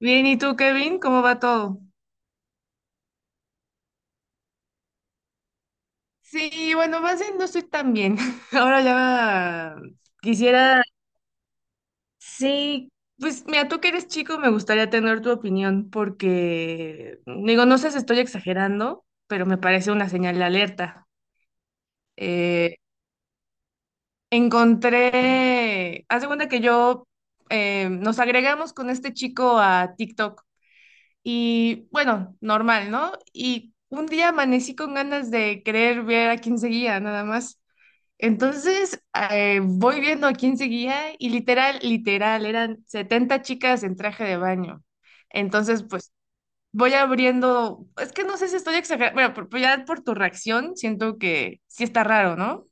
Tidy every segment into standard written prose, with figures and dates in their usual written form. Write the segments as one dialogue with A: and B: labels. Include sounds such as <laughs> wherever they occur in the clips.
A: Bien, ¿y tú, Kevin? ¿Cómo va todo? Sí, bueno, más bien no estoy tan bien. <laughs> Ahora ya quisiera, sí, pues mira, tú que eres chico, me gustaría tener tu opinión porque, digo, no sé si estoy exagerando, pero me parece una señal de alerta. Eh, encontré, haz de cuenta que yo nos agregamos con este chico a TikTok y bueno, normal, ¿no? Y un día amanecí con ganas de querer ver a quién seguía, nada más. Entonces, voy viendo a quién seguía y literal, literal, eran 70 chicas en traje de baño. Entonces, pues voy abriendo, es que no sé si estoy exagerando, bueno, ya por tu reacción siento que sí está raro, ¿no?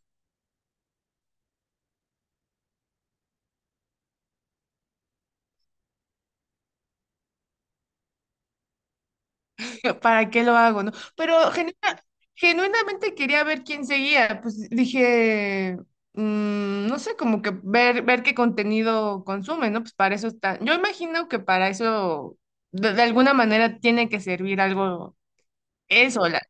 A: <laughs> ¿Para qué lo hago, no? Pero genuinamente quería ver quién seguía, pues dije, no sé, como que ver, ver qué contenido consume, ¿no? Pues para eso está, yo imagino que para eso de, alguna manera tiene que servir algo. Eso,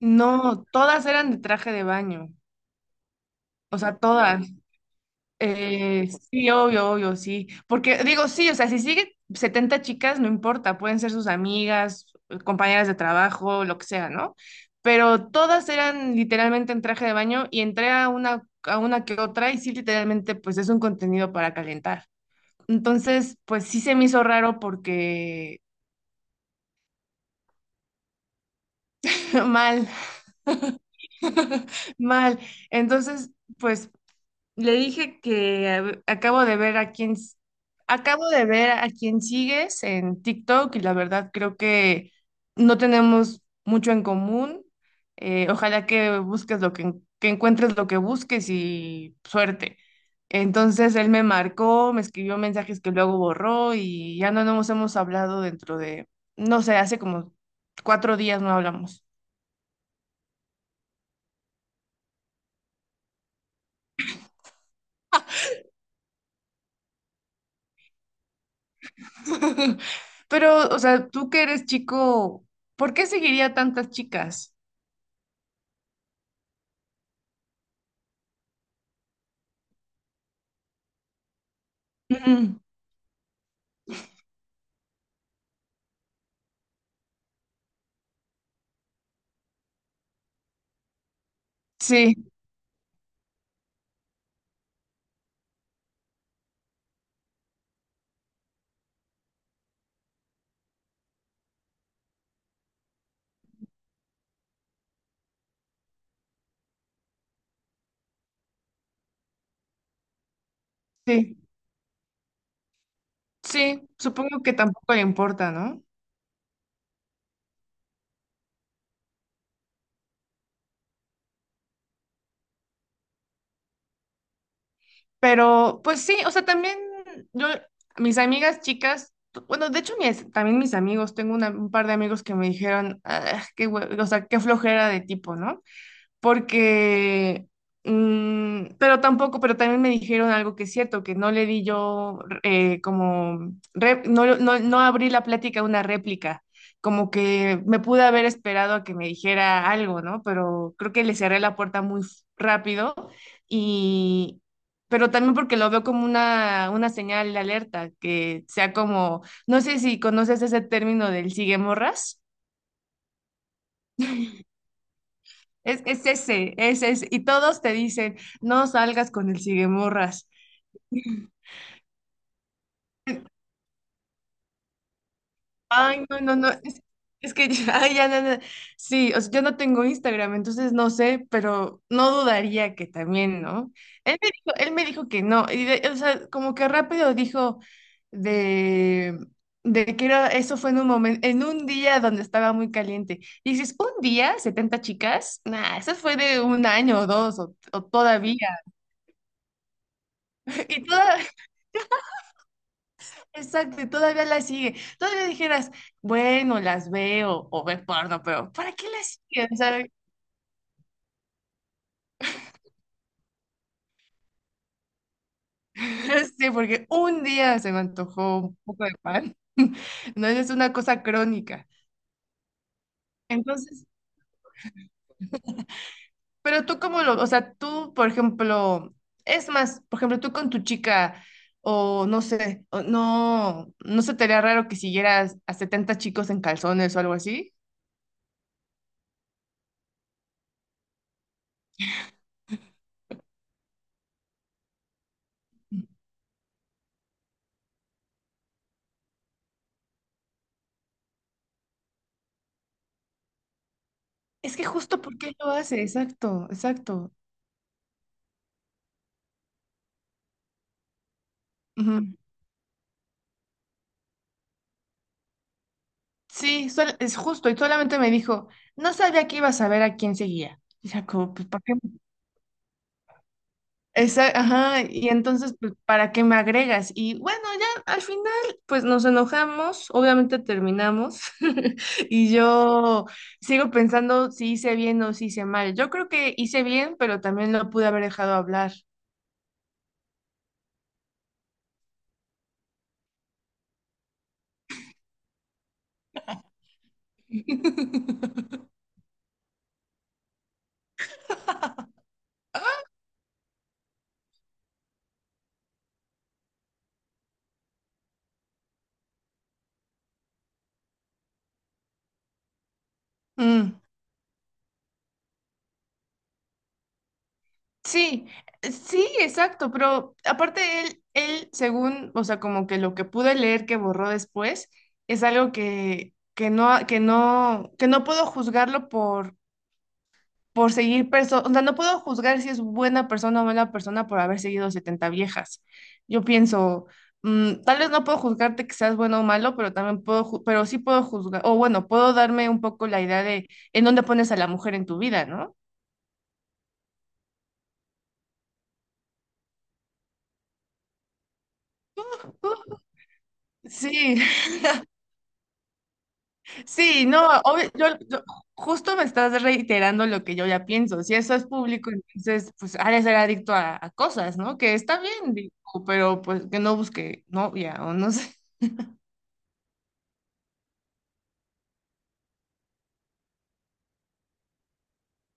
A: no, todas eran de traje de baño, o sea, todas. Sí, obvio, obvio, sí. Porque digo, sí, o sea, si sigue 70 chicas, no importa, pueden ser sus amigas, compañeras de trabajo, lo que sea, ¿no? Pero todas eran literalmente en traje de baño y entré a una que otra y sí, literalmente, pues es un contenido para calentar. Entonces, pues sí se me hizo raro porque <laughs> mal, <laughs> mal. Entonces, pues le dije que a acabo de ver a acabo de ver a quién sigues en TikTok y la verdad creo que no tenemos mucho en común. Ojalá que busques lo que encuentres lo que busques y suerte. Entonces él me marcó, me escribió mensajes que luego borró y ya no nos hemos hablado dentro de, no sé, hace como 4 días no hablamos. <laughs> Pero, o sea, tú que eres chico, ¿por qué seguiría a tantas chicas? Ujú, sí, sí, sí, supongo que tampoco le importa, ¿no? Pero, pues sí, o sea, también yo, mis amigas chicas, bueno, de hecho, también mis amigos, tengo un par de amigos que me dijeron, "Ah, qué, o sea, qué flojera de tipo, ¿no? Porque, pero tampoco, pero también me dijeron algo que es cierto, que no le di yo como, no, no, no abrí la plática a una réplica, como que me pude haber esperado a que me dijera algo, ¿no? Pero creo que le cerré la puerta muy rápido y... Pero también porque lo veo como una señal de alerta, que sea como, no sé si conoces ese término del sigue morras. Es ese, es ese. Y todos te dicen, no salgas con el siguemorras. Ay, no, no, no. Es que <laughs> ay, ya, no, no. Sí, o sea, yo no tengo Instagram, entonces no sé, pero no dudaría que también, ¿no? Él me dijo que no, y o sea, como que rápido dijo de, que era, eso fue en un momento, en un día donde estaba muy caliente. Y dices, ¿un día? ¿70 chicas? Nah, eso fue de un año o dos, o todavía. <laughs> Y toda, exacto, y todavía la sigue. Todavía dijeras, bueno, las veo o ver porno, pero ¿para qué las siguen? Sabes. <laughs> Sí, porque un día se me antojó un poco de pan. <laughs> No es una cosa crónica. Entonces, pero tú cómo lo, o sea, tú, por ejemplo, es más, por ejemplo, tú con tu chica, o no sé, o no, no se te haría raro que siguieras a 70 chicos en calzones o algo así. Es que justo porque lo hace, exacto, exacto. Sí, es justo, y solamente me dijo, no sabía que iba a saber a quién seguía. Y ya como, pues, ¿para qué? Esa, ajá, y entonces, pues, ¿para qué me agregas? Y bueno, ya al final, pues nos enojamos, obviamente terminamos, <laughs> y yo sigo pensando si hice bien o si hice mal. Yo creo que hice bien, pero también lo pude haber dejado hablar. <laughs> Mm. Sí, sí, exacto, pero aparte él, él, según, o sea, como que lo que pude leer que borró después, es algo que, que no puedo juzgarlo por seguir personas, o sea, no puedo juzgar si es buena persona o mala persona por haber seguido 70 viejas. Yo pienso, tal vez no puedo juzgarte que seas bueno o malo, pero también puedo, pero sí puedo juzgar, o bueno, puedo darme un poco la idea de en dónde pones a la mujer en tu vida, ¿no? Sí, sí, no, yo, yo justo me estás reiterando lo que yo ya pienso. Si eso es público, entonces pues ha de ser adicto a cosas, ¿no? Que está bien, digo, pero pues que no busque novia o no sé. <laughs>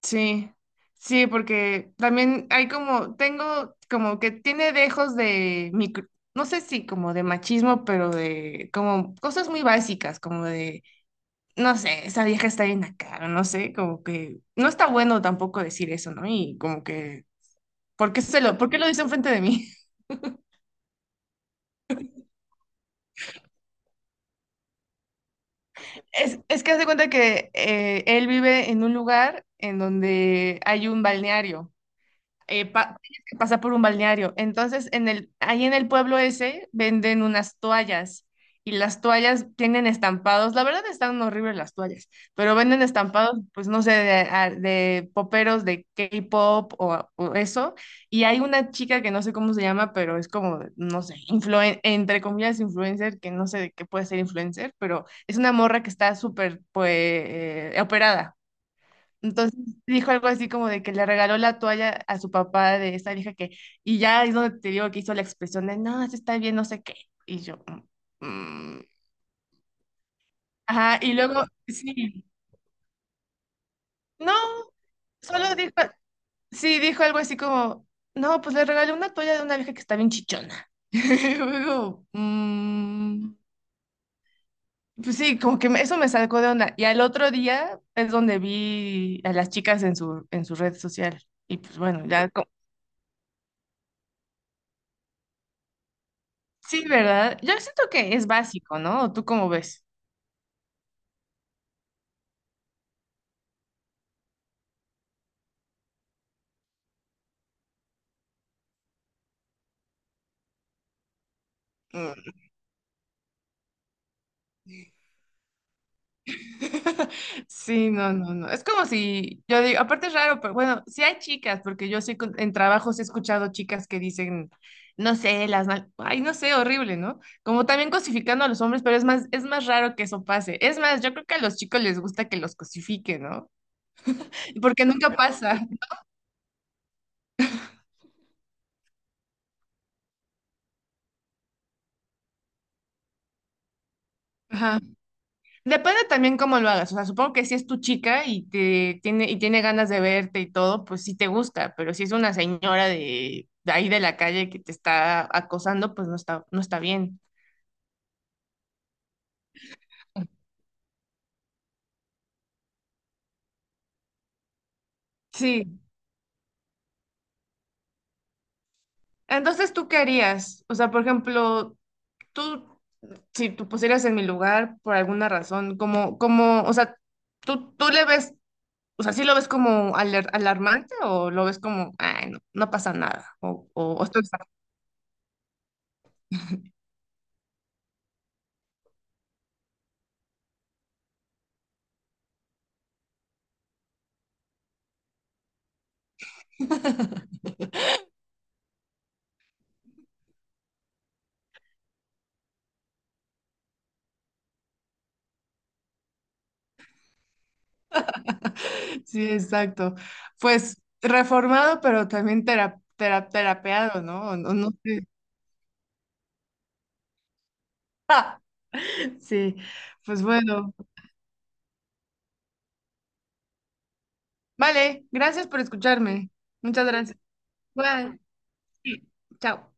A: Sí, sí, porque también hay como, tengo como que tiene dejos de micro, no sé si como de machismo, pero de como cosas muy básicas, como de, no sé, esa vieja está bien acá, o no sé, como que no está bueno tampoco decir eso, ¿no? Y como que ¿por qué, se lo, ¿por qué lo dice enfrente de mí? <laughs> Es que hace cuenta que él vive en un lugar en donde hay un balneario. Tienes que pasar por un balneario. Entonces, en el, ahí en el pueblo ese venden unas toallas y las toallas tienen estampados. La verdad están horribles las toallas, pero venden estampados, pues no sé, de, de poperos de K-pop o eso. Y hay una chica que no sé cómo se llama, pero es como, no sé, entre comillas, influencer, que no sé de qué puede ser influencer, pero es una morra que está súper, pues, operada. Entonces dijo algo así como de que le regaló la toalla a su papá de esa vieja que, y ya es donde te digo que hizo la expresión de, no, eso está bien, no sé qué. Y yo, "Mm, mm". Ajá, y luego, sí, no, solo dijo, sí, dijo algo así como, no, pues le regalé una toalla de una vieja que está bien chichona. <laughs> Y luego, "Mm". Pues sí, como que me- eso me sacó de onda. Y al otro día es donde vi a las chicas en su red social. Y pues bueno, ya. Sí, ¿verdad? Yo siento que es básico, ¿no? ¿O tú cómo ves? Mm. <laughs> Sí, no, no, no. Es como si, yo digo, aparte es raro, pero bueno, sí hay chicas, porque yo sí en trabajos he escuchado chicas que dicen, no sé, las mal, ay, no sé, horrible, ¿no? Como también cosificando a los hombres, pero es más raro que eso pase. Es más, yo creo que a los chicos les gusta que los cosifiquen, ¿no? Porque nunca pasa. Depende también cómo lo hagas. O sea, supongo que si es tu chica y te tiene, y tiene ganas de verte y todo, pues sí te gusta. Pero si es una señora de ahí de la calle que te está acosando, pues no está, no está bien. Sí. Entonces, ¿tú qué harías? O sea, por ejemplo, tú, si tú pusieras en mi lugar por alguna razón, como, como, o sea, tú le ves, o sea, ¿sí lo ves como alarmante o lo ves como, ay, no, no pasa nada? O estoy sí, exacto. Pues reformado, pero también terapeado, ¿no? O no, no sé. <laughs> Sí, pues bueno. Vale, gracias por escucharme. Muchas gracias. Bye. Sí, chao.